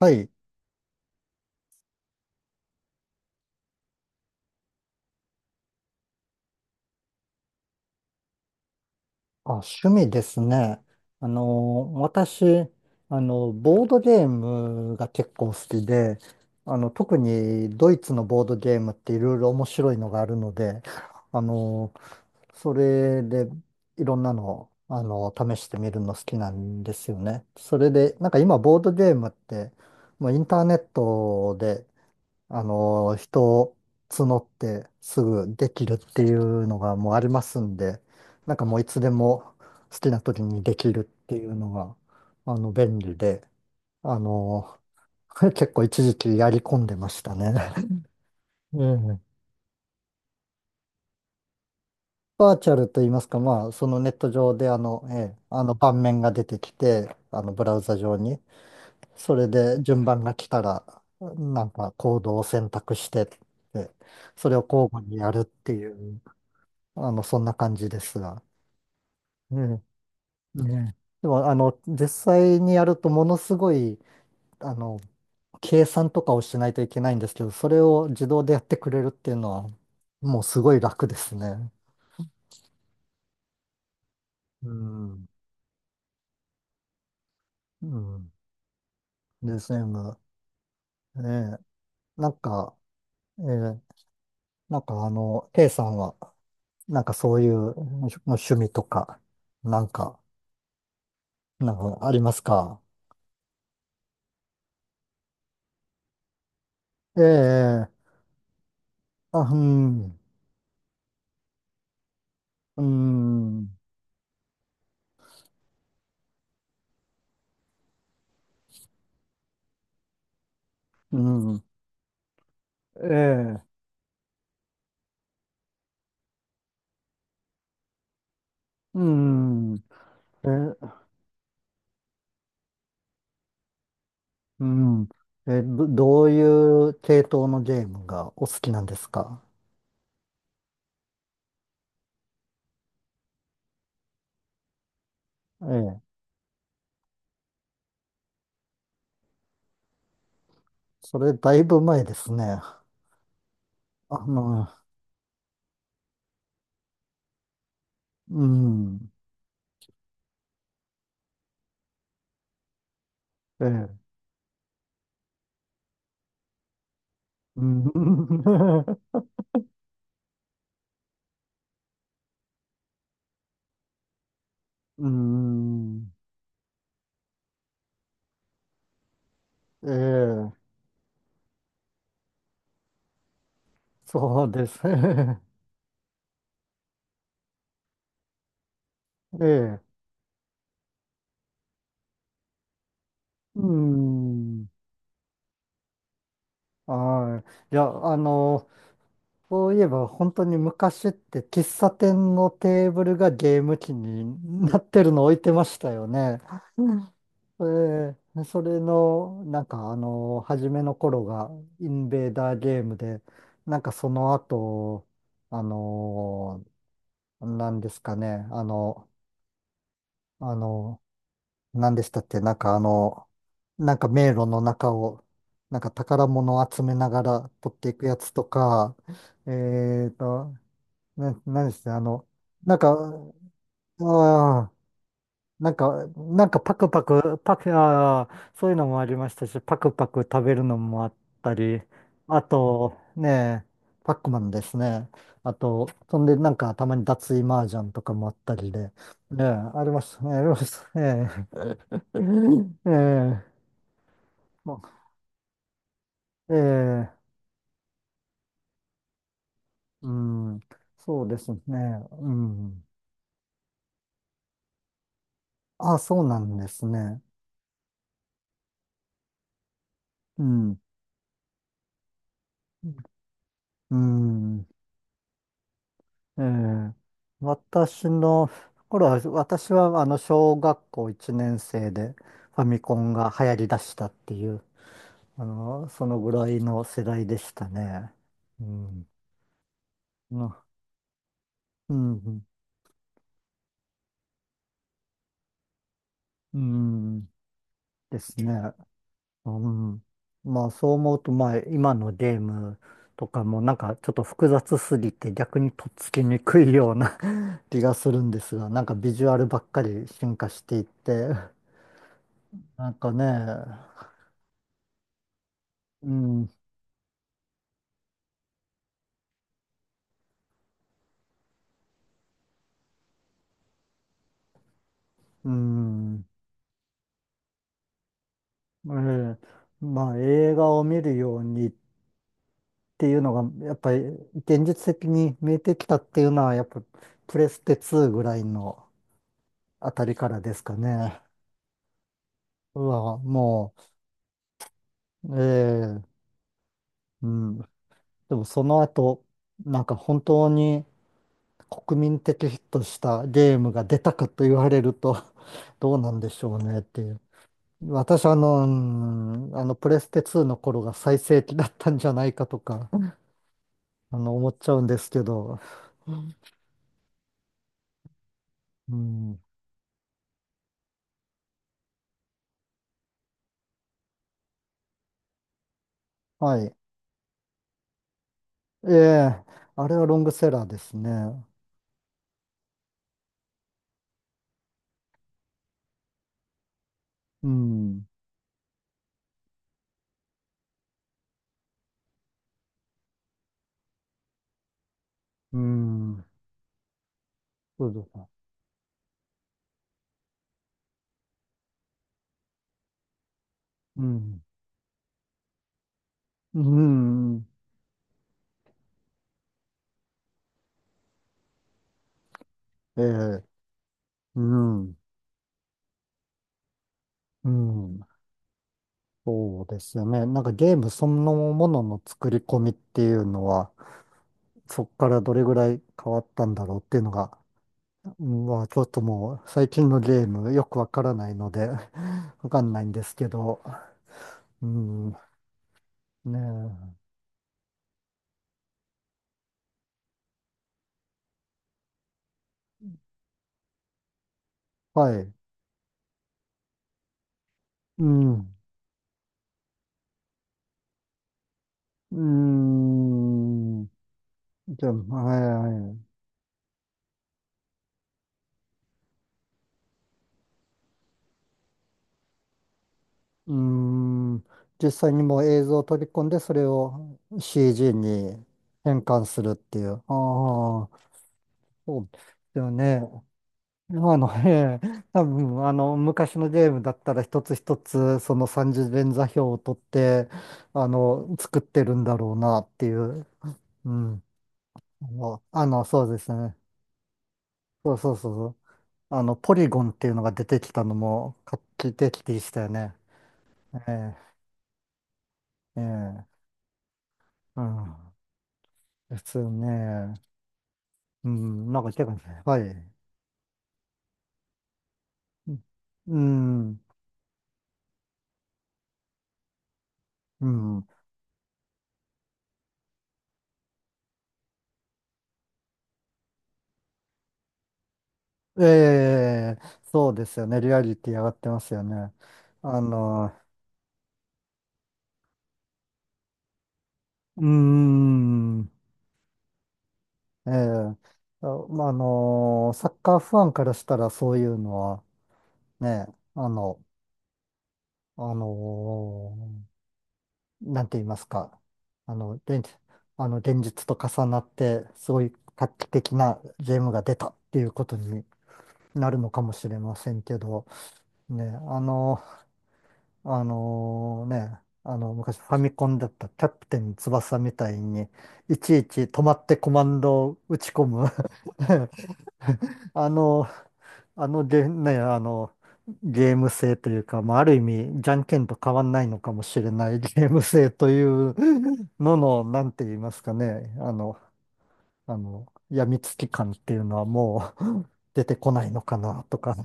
はい。あ、趣味ですね。私、ボードゲームが結構好きで、特にドイツのボードゲームっていろいろ面白いのがあるので、あの、それでいろんなの、試してみるの好きなんですよね。それで、なんか今ボードゲームって、もうインターネットで人を募ってすぐできるっていうのがもうありますんで、なんかもういつでも好きな時にできるっていうのが、便利で、あの、結構一時期やり込んでましたね。うん。バーチャルと言いますか、まあ、そのネット上でええ、あの盤面が出てきて、あのブラウザ上に、それで順番が来たら、なんかコードを選択してって、それを交互にやるっていう。そんな感じですが。うん。ねでも、実際にやるとものすごい、あの、計算とかをしないといけないんですけど、それを自動でやってくれるっていうのは、もうすごい楽ですね。うん。うん。d s ムええ。なんか、ええ、なんかK さんは、なんかそういう趣味とか、なんか、なんかありますか？ええ、あ、うん、うん、うん、ええ。うん。え、うん。え、どういう系統のゲームがお好きなんですか？ええ。それだいぶ前ですね。あの、うん。ええ。うん。うん。ええ。そうです。ええ。うん。はい。いや、そういえば本当に昔って喫茶店のテーブルがゲーム機になってるの置いてましたよね。うんえーそれの、なんか初めの頃がインベーダーゲームで、なんかその後、あのなんですかね、あの、なんでしたっけ、なんかなんか迷路の中を、なんか宝物を集めながら取っていくやつとか、えーと、何して、なんか、ああ、なんか、なんかパクパク、ああ、そういうのもありましたし、パクパク食べるのもあったり、あと、ねえ、パックマンですね。あと、そんで、なんか、たまに脱衣麻雀とかもあったりで、ねえ、ありましたね、ありましたね。ええ、ええ、まあええ、うん、そうですね、うん。あ、そうなんですね。うん、うん。ええ、私の頃は、私はあの小学校1年生でファミコンが流行り出したっていう、そのぐらいの世代でしたね。うん。なうん。うん。ですね。うん。まあそう思うと、まあ今のゲームとかもなんかちょっと複雑すぎて逆にとっつきにくいような 気がするんですが、なんかビジュアルばっかり進化していって、なんかね、うん。うん、ええ、まあ映画を見るようにっていうのが、やっぱり現実的に見えてきたっていうのは、やっぱプレステ2ぐらいのあたりからですかね。うわ、もう、ええ、うん。でもその後、なんか本当に国民的ヒットしたゲームが出たかと言われると、どうなんでしょうねっていう。私はうんプレステ2の頃が最盛期だったんじゃないかとか、思っちゃうんですけど。うん。はい。ええ、あれはロングセラーですね。うん。うん。そうですか。うん。うん。ええ、うん。うん。そうですよね。なんかゲームそのものの作り込みっていうのは、そこからどれぐらい変わったんだろうっていうのが、うんまあちょっともう最近のゲームよくわからないので、わかんないんですけど。うん。ねえ。はい。うん。うーん。じゃあ、はいはい。うーん。実際にもう映像を取り込んで、それを CG に変換するっていう。ああ、そうですよね。ええ、多分、昔のゲームだったら一つ一つ、その三次元座標を取って、作ってるんだろうなっていう。うん。そうですね。そうそうそうポリゴンっていうのが出てきたのも画期的でしたよね。ええ、ええ、うん。ですよね。うん、なんか結構ね、はい。うん、うん。ええ、そうですよね。リアリティ上がってますよね。あの、うーん、ええ、あまあ、サッカーファンからしたらそういうのはね、あの、あのなんて言いますか、あの、現あの、現実と重なって、すごい画期的なゲームが出たっていうことになるのかもしれませんけど、ね、あの、あのね、昔ファミコンだったキャプテン翼みたいに、いちいち止まってコマンドを打ち込む あの、あのゲ、ね、ゲーム性というか、まあ、ある意味、じゃんけんと変わんないのかもしれない ゲーム性というのの、なんて言いますかね、やみつき感っていうのはもう 出てこないのかなとか。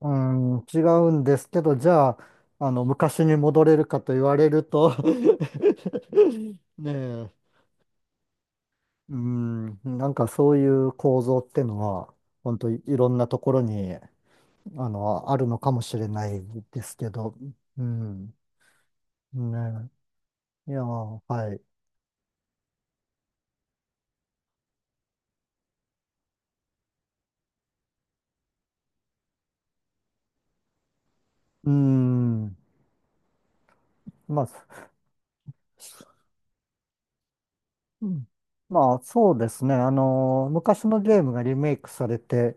うん、違うんですけど、じゃあ、昔に戻れるかと言われると ねえ、うん、なんかそういう構造ってのは、本当いいろんなところにあるのかもしれないですけど、うん、ね、いやー、はい。うん、まあ、すうんまあ、そうですね。昔のゲームがリメイクされて、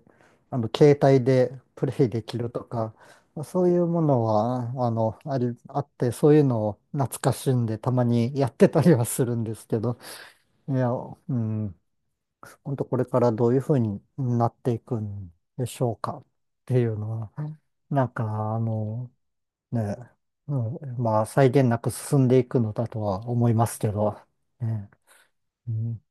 携帯でプレイできるとか、そういうものは、あの、あり、あって、そういうのを懐かしんで、たまにやってたりはするんですけど、いや、うん。本当これからどういうふうになっていくんでしょうかっていうのは、なんかね、うん、まあ際限なく進んでいくのだとは思いますけど、ね、うん